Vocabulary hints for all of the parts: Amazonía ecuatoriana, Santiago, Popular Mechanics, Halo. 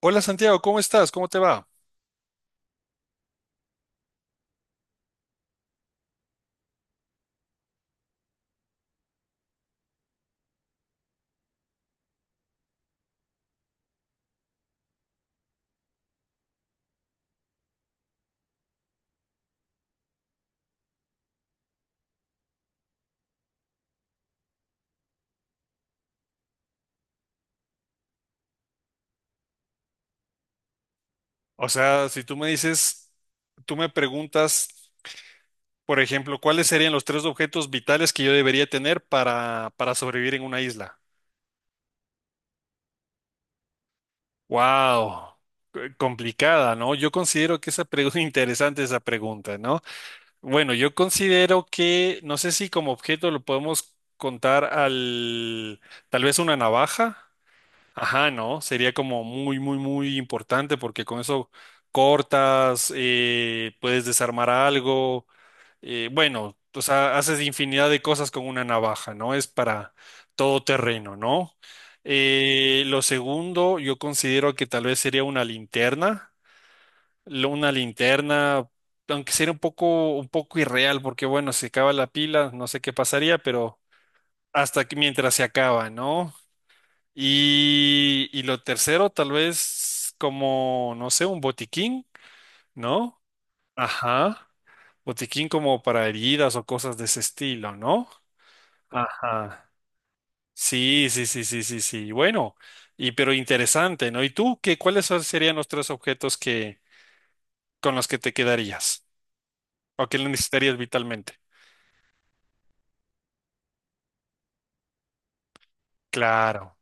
Hola Santiago, ¿cómo estás? ¿Cómo te va? O sea, si tú me dices, tú me preguntas, por ejemplo, ¿cuáles serían los tres objetos vitales que yo debería tener para sobrevivir en una isla? Wow, complicada, ¿no? Yo considero que esa pregunta, interesante esa pregunta, ¿no? Bueno, yo considero que, no sé si como objeto lo podemos contar al, tal vez una navaja. Ajá, ¿no? Sería como muy, muy, muy importante porque con eso cortas, puedes desarmar algo, bueno, o sea, haces infinidad de cosas con una navaja, ¿no? Es para todo terreno, ¿no? Lo segundo, yo considero que tal vez sería una linterna, aunque sería un poco irreal porque bueno, se acaba la pila, no sé qué pasaría, pero hasta que mientras se acaba, ¿no? Y lo tercero, tal vez como, no sé, un botiquín, ¿no? Ajá. Botiquín como para heridas o cosas de ese estilo, ¿no? Ajá. Sí, sí, sí, sí, sí, sí. Bueno, y pero interesante, ¿no? ¿Y tú qué, serían los tres objetos que con los que te quedarías o que necesitarías vitalmente? Claro,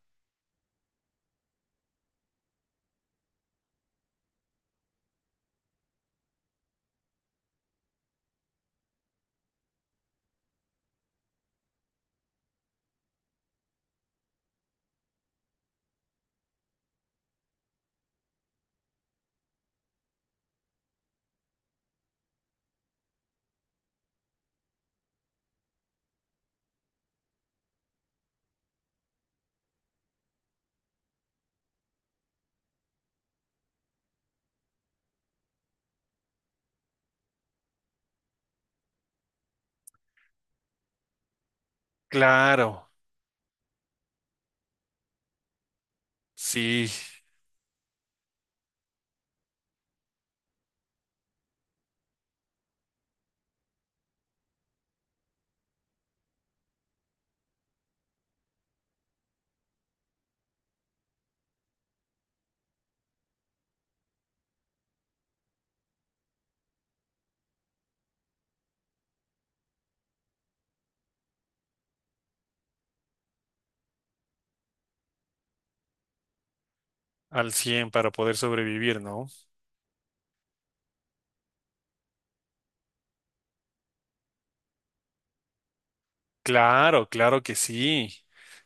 claro. Sí, al 100 para poder sobrevivir, ¿no? Claro, claro que sí,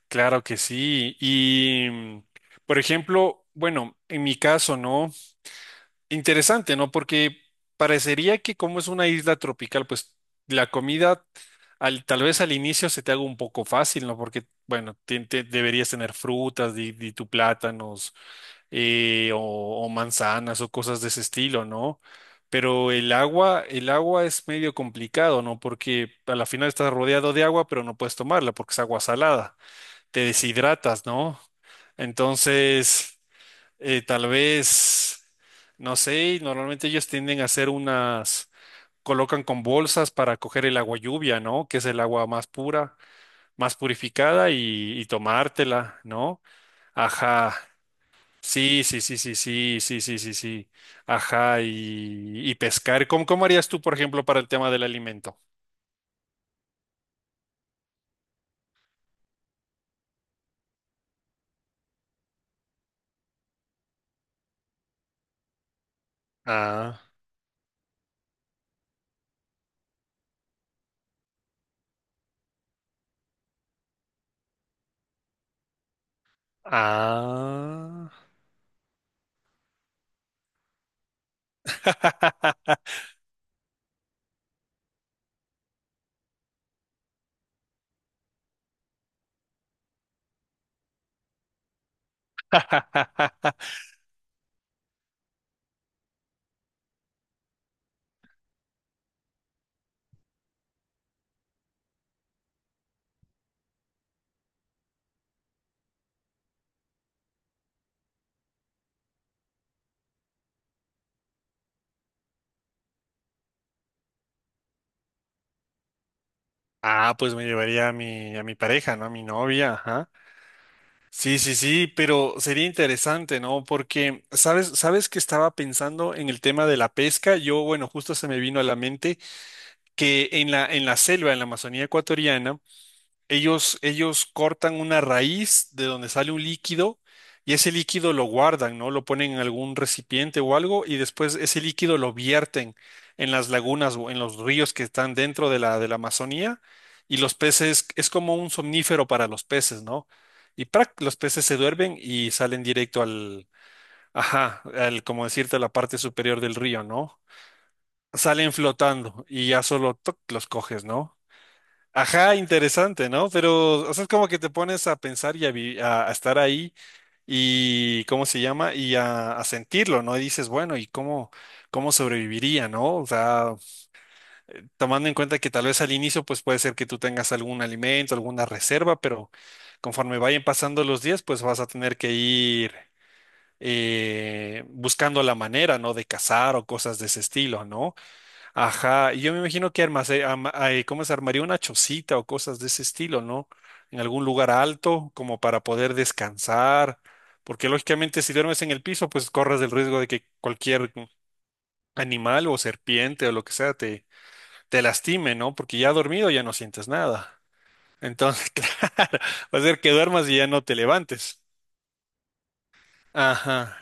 claro que sí. Y, mm, por ejemplo, bueno, en mi caso, ¿no? Interesante, ¿no? Porque parecería que como es una isla tropical, pues la comida tal vez al inicio se te haga un poco fácil, ¿no? Porque, bueno, deberías tener frutas, di tu plátanos, eh, o, o, manzanas o cosas de ese estilo, ¿no? Pero el agua es medio complicado, ¿no? Porque a la final estás rodeado de agua, pero no puedes tomarla porque es agua salada, te deshidratas, ¿no? Entonces, tal vez, no sé, normalmente ellos tienden a hacer unas, colocan con bolsas para coger el agua lluvia, ¿no? Que es el agua más pura, más purificada y tomártela, ¿no? Ajá. Sí, sí, sí, sí, sí, sí, sí, sí, sí. Ajá, y pescar. ¿Cómo harías tú, por ejemplo, para el tema del alimento? Ah, ah. Ah, pues me llevaría a mi pareja, ¿no? A mi novia, ajá. Sí, sí, sí, pero sería interesante, ¿no? Porque, ¿sabes que estaba pensando en el tema de la pesca? Yo, bueno, justo se me vino a la mente que en la selva, en la Amazonía ecuatoriana, ellos cortan una raíz de donde sale un líquido y ese líquido lo guardan, ¿no? Lo ponen en algún recipiente o algo y después ese líquido lo vierten en las lagunas o en los ríos que están dentro de la, Amazonía y los peces, es como un somnífero para los peces, ¿no? Y ¡prac! Los peces se duermen y salen directo al, ajá, al, como decirte, a la parte superior del río, ¿no? Salen flotando y ya solo ¡toc! Los coges, ¿no? Ajá, interesante, ¿no? Pero, o sea, es como que te pones a pensar y a estar ahí y, ¿cómo se llama? Y a sentirlo, ¿no? Y dices, bueno, ¿y cómo sobreviviría, ¿no? O sea, tomando en cuenta que tal vez al inicio, pues puede ser que tú tengas algún alimento, alguna reserva, pero conforme vayan pasando los días, pues vas a tener que ir buscando la manera, ¿no? De cazar o cosas de ese estilo, ¿no? Ajá, y yo me imagino que ¿cómo se armaría una chocita o cosas de ese estilo, ¿no? En algún lugar alto, como para poder descansar, porque lógicamente si duermes en el piso, pues corres el riesgo de que cualquier animal o serpiente o lo que sea te lastime, ¿no? Porque ya dormido ya no sientes nada. Entonces, claro, va a ser que duermas y ya no te levantes. Ajá,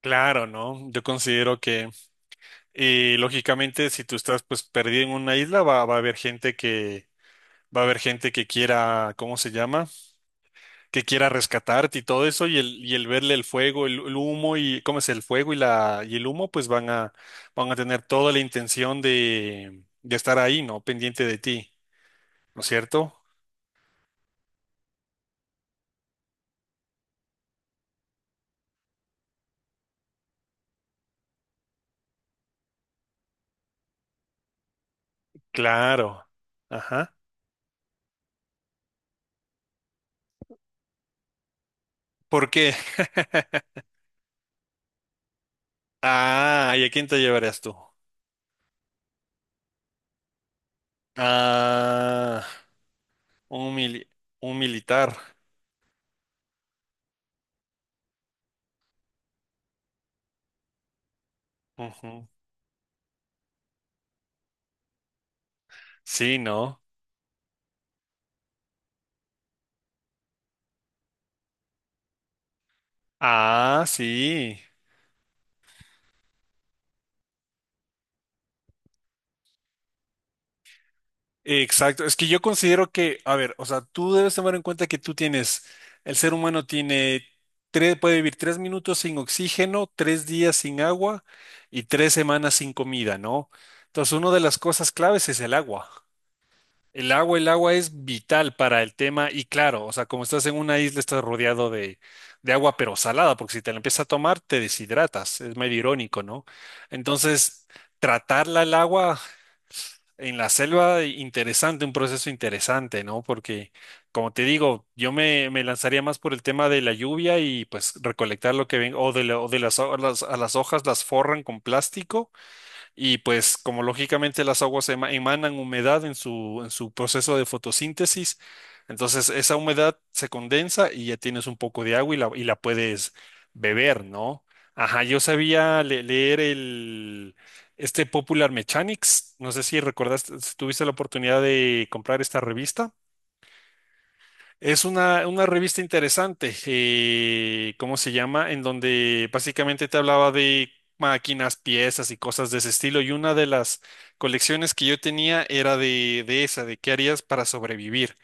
claro, ¿no? Yo considero que, lógicamente, si tú estás pues perdido en una isla, va a haber gente que quiera, ¿cómo se llama? Que quiera rescatarte y todo eso, y y el verle el fuego, el humo y, ¿cómo es? El fuego y la, y el humo, pues van a, tener toda la intención de estar ahí, ¿no? Pendiente de ti, ¿no es cierto? Claro. Ajá. ¿Por qué? Ah, ¿y a quién te llevarías tú? Ah, un mili- un militar. Ujú. Sí, ¿no? Ah, sí. Exacto, es que yo considero que, a ver, o sea, tú debes tomar en cuenta que tú tienes, el ser humano tiene, tres, puede vivir 3 minutos sin oxígeno, 3 días sin agua y 3 semanas sin comida, ¿no? Entonces, una de las cosas claves es el agua. El agua, el agua es vital para el tema y claro, o sea, como estás en una isla, estás rodeado de agua, pero salada, porque si te la empiezas a tomar, te deshidratas, es medio irónico, ¿no? Entonces, tratarla el agua. En la selva, e interesante, un proceso interesante, ¿no? Porque, como te digo, yo me lanzaría más por el tema de la lluvia y pues recolectar lo que ven, o de las, a las hojas las forran con plástico y pues como lógicamente las aguas emanan humedad en su, proceso de fotosíntesis, entonces esa humedad se condensa y ya tienes un poco de agua y la puedes beber, ¿no? Ajá, yo sabía leer el, este Popular Mechanics, no sé si recordaste, si tuviste la oportunidad de comprar esta revista. Es una revista interesante, ¿cómo se llama? En donde básicamente te hablaba de máquinas, piezas y cosas de ese estilo. Y una de las colecciones que yo tenía era de esa, de qué harías para sobrevivir.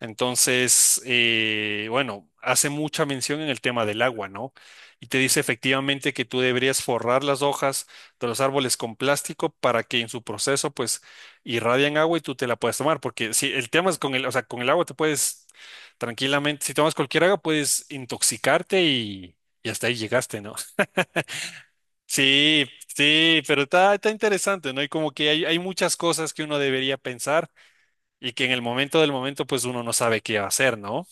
Entonces, bueno, hace mucha mención en el tema del agua, ¿no? Y te dice efectivamente que tú deberías forrar las hojas de los árboles con plástico para que en su proceso, pues, irradian agua y tú te la puedas tomar. Porque si el tema es con el, o sea, con el agua te puedes tranquilamente, si tomas cualquier agua, puedes intoxicarte y hasta ahí llegaste, ¿no? Sí, sí, pero está, está interesante, ¿no? Y como que hay, muchas cosas que uno debería pensar y que en el momento del momento, pues uno no sabe qué va a hacer, ¿no?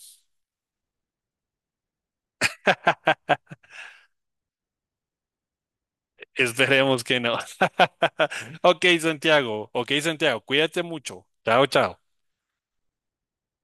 Esperemos que no. Ok, Santiago, cuídate mucho. Chao, chao.